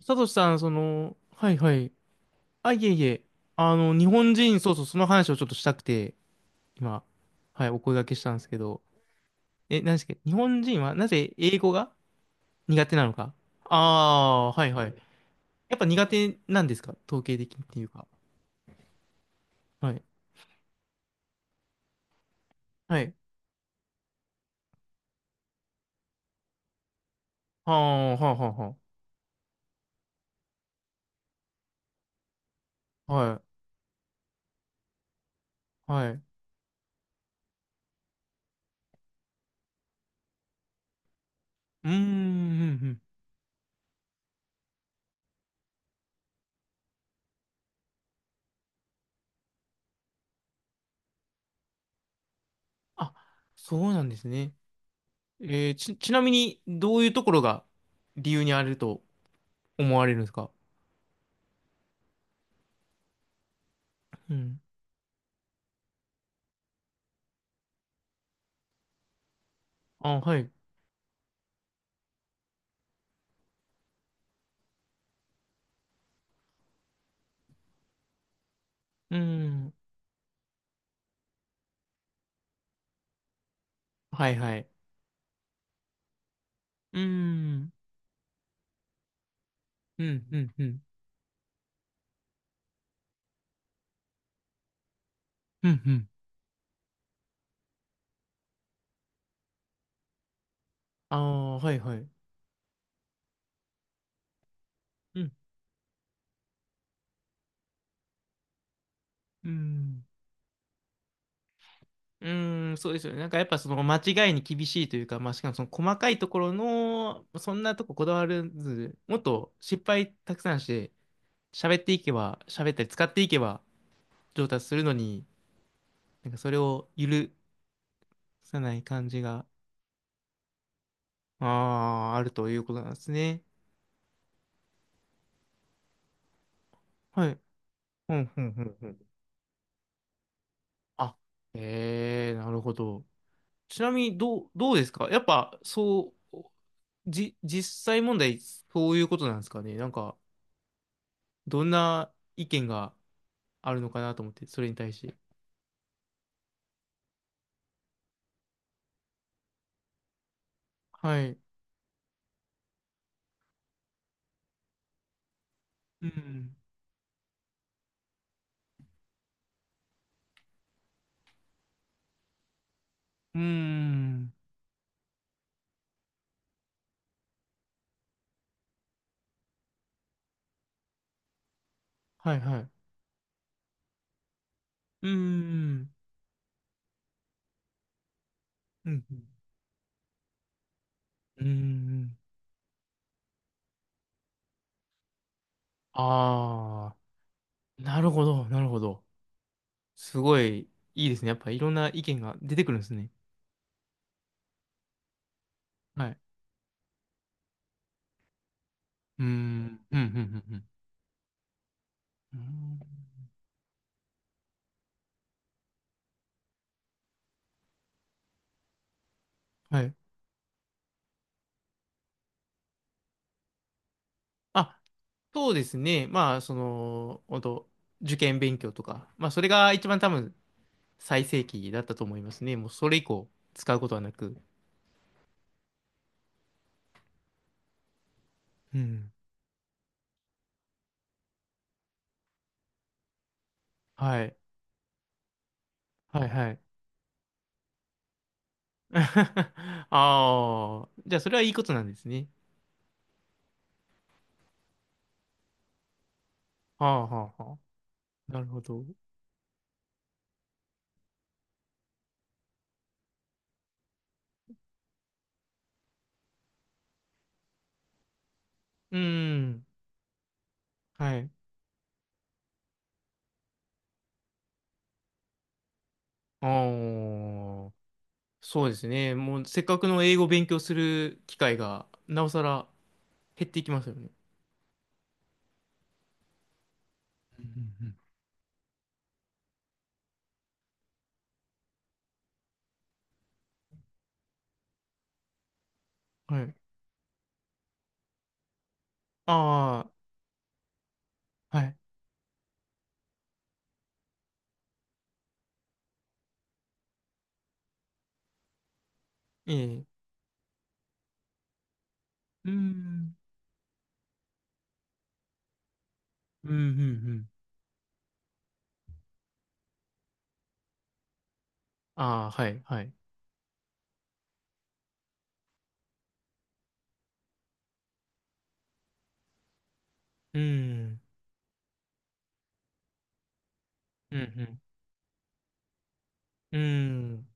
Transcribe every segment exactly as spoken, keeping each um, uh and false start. サトシさん、その、はいはい。あ、いえいえ。あの、日本人、そうそう、その話をちょっとしたくて、今、はい、お声掛けしたんですけど、え、何ですか、日本人はなぜ英語が苦手なのか。ああー、はいはい。やっぱ苦手なんですか、統計的にっていうか。はい。はい。はあ、はあ、はあ、はあ。はい。はい。うーん、うんうん。あ、そうなんですね。えーち、ちなみに、どういうところが理由にあると思われるんですか？うん。あ、はい。うん。はいはい。うーん。うん、うん、うん。うん、うん。ああ、はいはい。うん、うん。うーん、そうですよね。なんかやっぱその間違いに厳しいというか、まあしかもその細かいところの、そんなとここだわらず、もっと失敗たくさんして、喋っていけば、喋ったり使っていけば上達するのに、なんかそれを許さない感じが、ああ、あるということなんですね。はい。うん、うん、うん、うん。あ、ええー、なるほど。ちなみにどう、どうですかやっぱ、そう、じ、実際問題、そういうことなんですかねなんか、どんな意見があるのかなと思って、それに対して。はい。うん。うーん。はいはい。うーん。うん。うん。ああー、なるほど、なるほど。すごい、いいですね。やっぱ、いろんな意見が出てくるんですね。はい。うーん。うん、うん、うん、うん。うーん、はい。あ、そうですね。まあ、その、本当受験勉強とか、まあ、それが一番多分最盛期だったと思いますね。もうそれ以降使うことはなく。うん。はい。はいはい。ああ、じゃあそれはいいことなんですね。はあはあはあ。なるほど。うん。はい。ああ、そうですね。もうせっかくの英語を勉強する機会が、なおさら減っていきますよね。うんうんうん、はい。ああ、はい。ええ。うん。うん、うん、うん。ああ、はい、はい。うん、うん、うん。うん、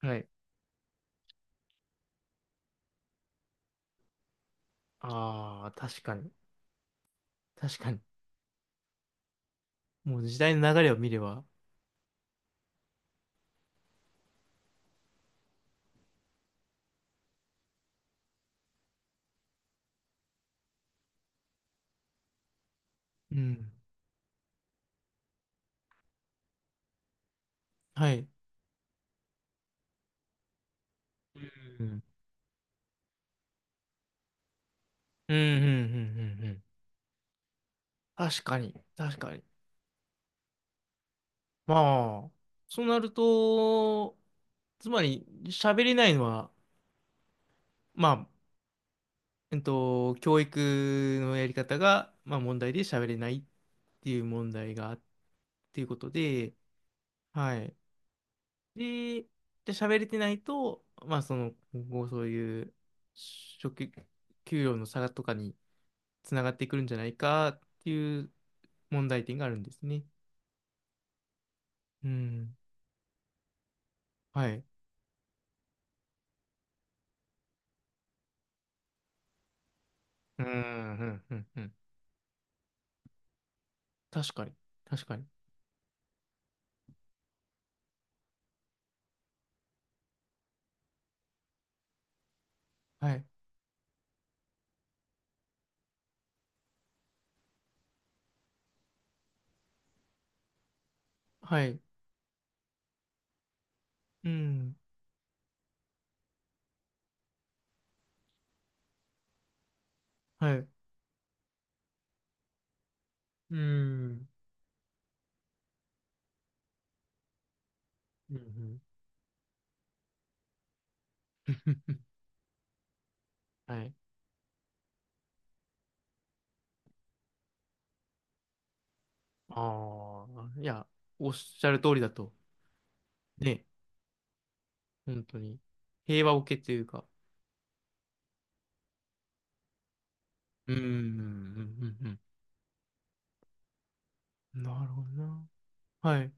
はい。ああ、確かに。確かに。もう時代の流れを見れば。うん。はい。うん、うん、うん、うん、うん。うん、確かに。確かに。まあ、そうなると、つまり、喋れないのは、まあ、えっと、教育のやり方が、まあ、問題で喋れないっていう問題があっていうことで、はい。で、で喋れてないと、まあ、その、今後そういう職、給料の差とかにつながってくるんじゃないかっていう問題点があるんですね。うん。はい。うん、うん、うん、うん。確かに。確かに。はい。はい。うん。はい。うん。うん、うん。はい。ああ、いや、おっしゃる通りだと。ね、本当に。平和を受けというか。うん、うん、うん、うん。うん、なるほどな。はい。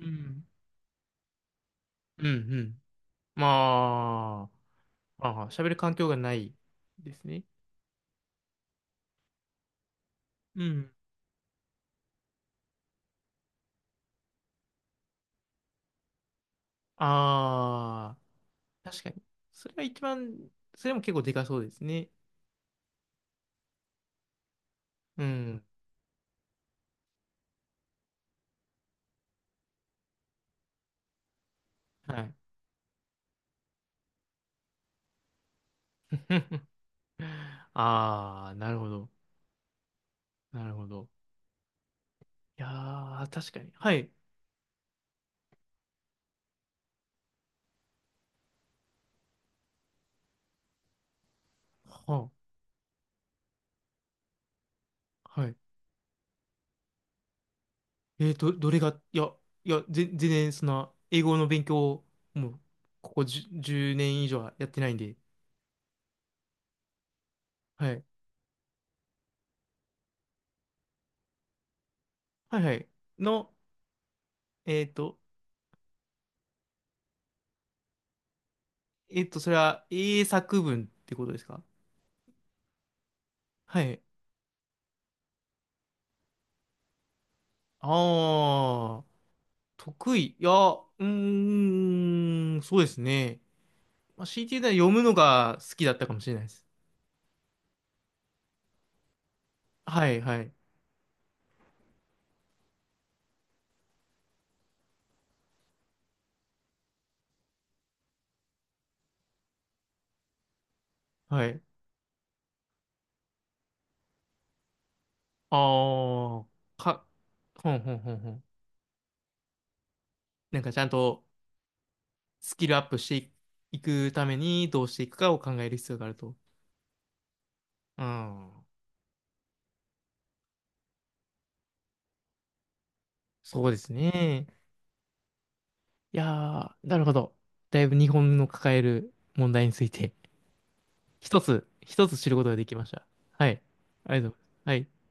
うん。うん、うん。まあ、ああ、喋る環境がないですね。うん。ああ、確かに。それは一番、それも結構でかそうですね。うん。はい。ああ、なるほど。なるほど。いやー、確かに。はい。はあ、はい。えーと、どれが、いや、いや、ぜ、全然、その、英語の勉強を、もう、ここじゅう、年以上はやってないんで。はい。はいはい。の、えっと、えっと、それは英作文ってことですか？はい。ああ、得意。いや、うーん、そうですね。まあ、強いて言うなら読むのが好きだったかもしれないです。はい、はい、はい。ああ、か、ほんほんほんほん。なんかちゃんとスキルアップしていくためにどうしていくかを考える必要があると。うん、そうですね。いやー、なるほど。だいぶ日本の抱える問題について一つ、一つ知ることができました。はい。ありがとうございます。はい。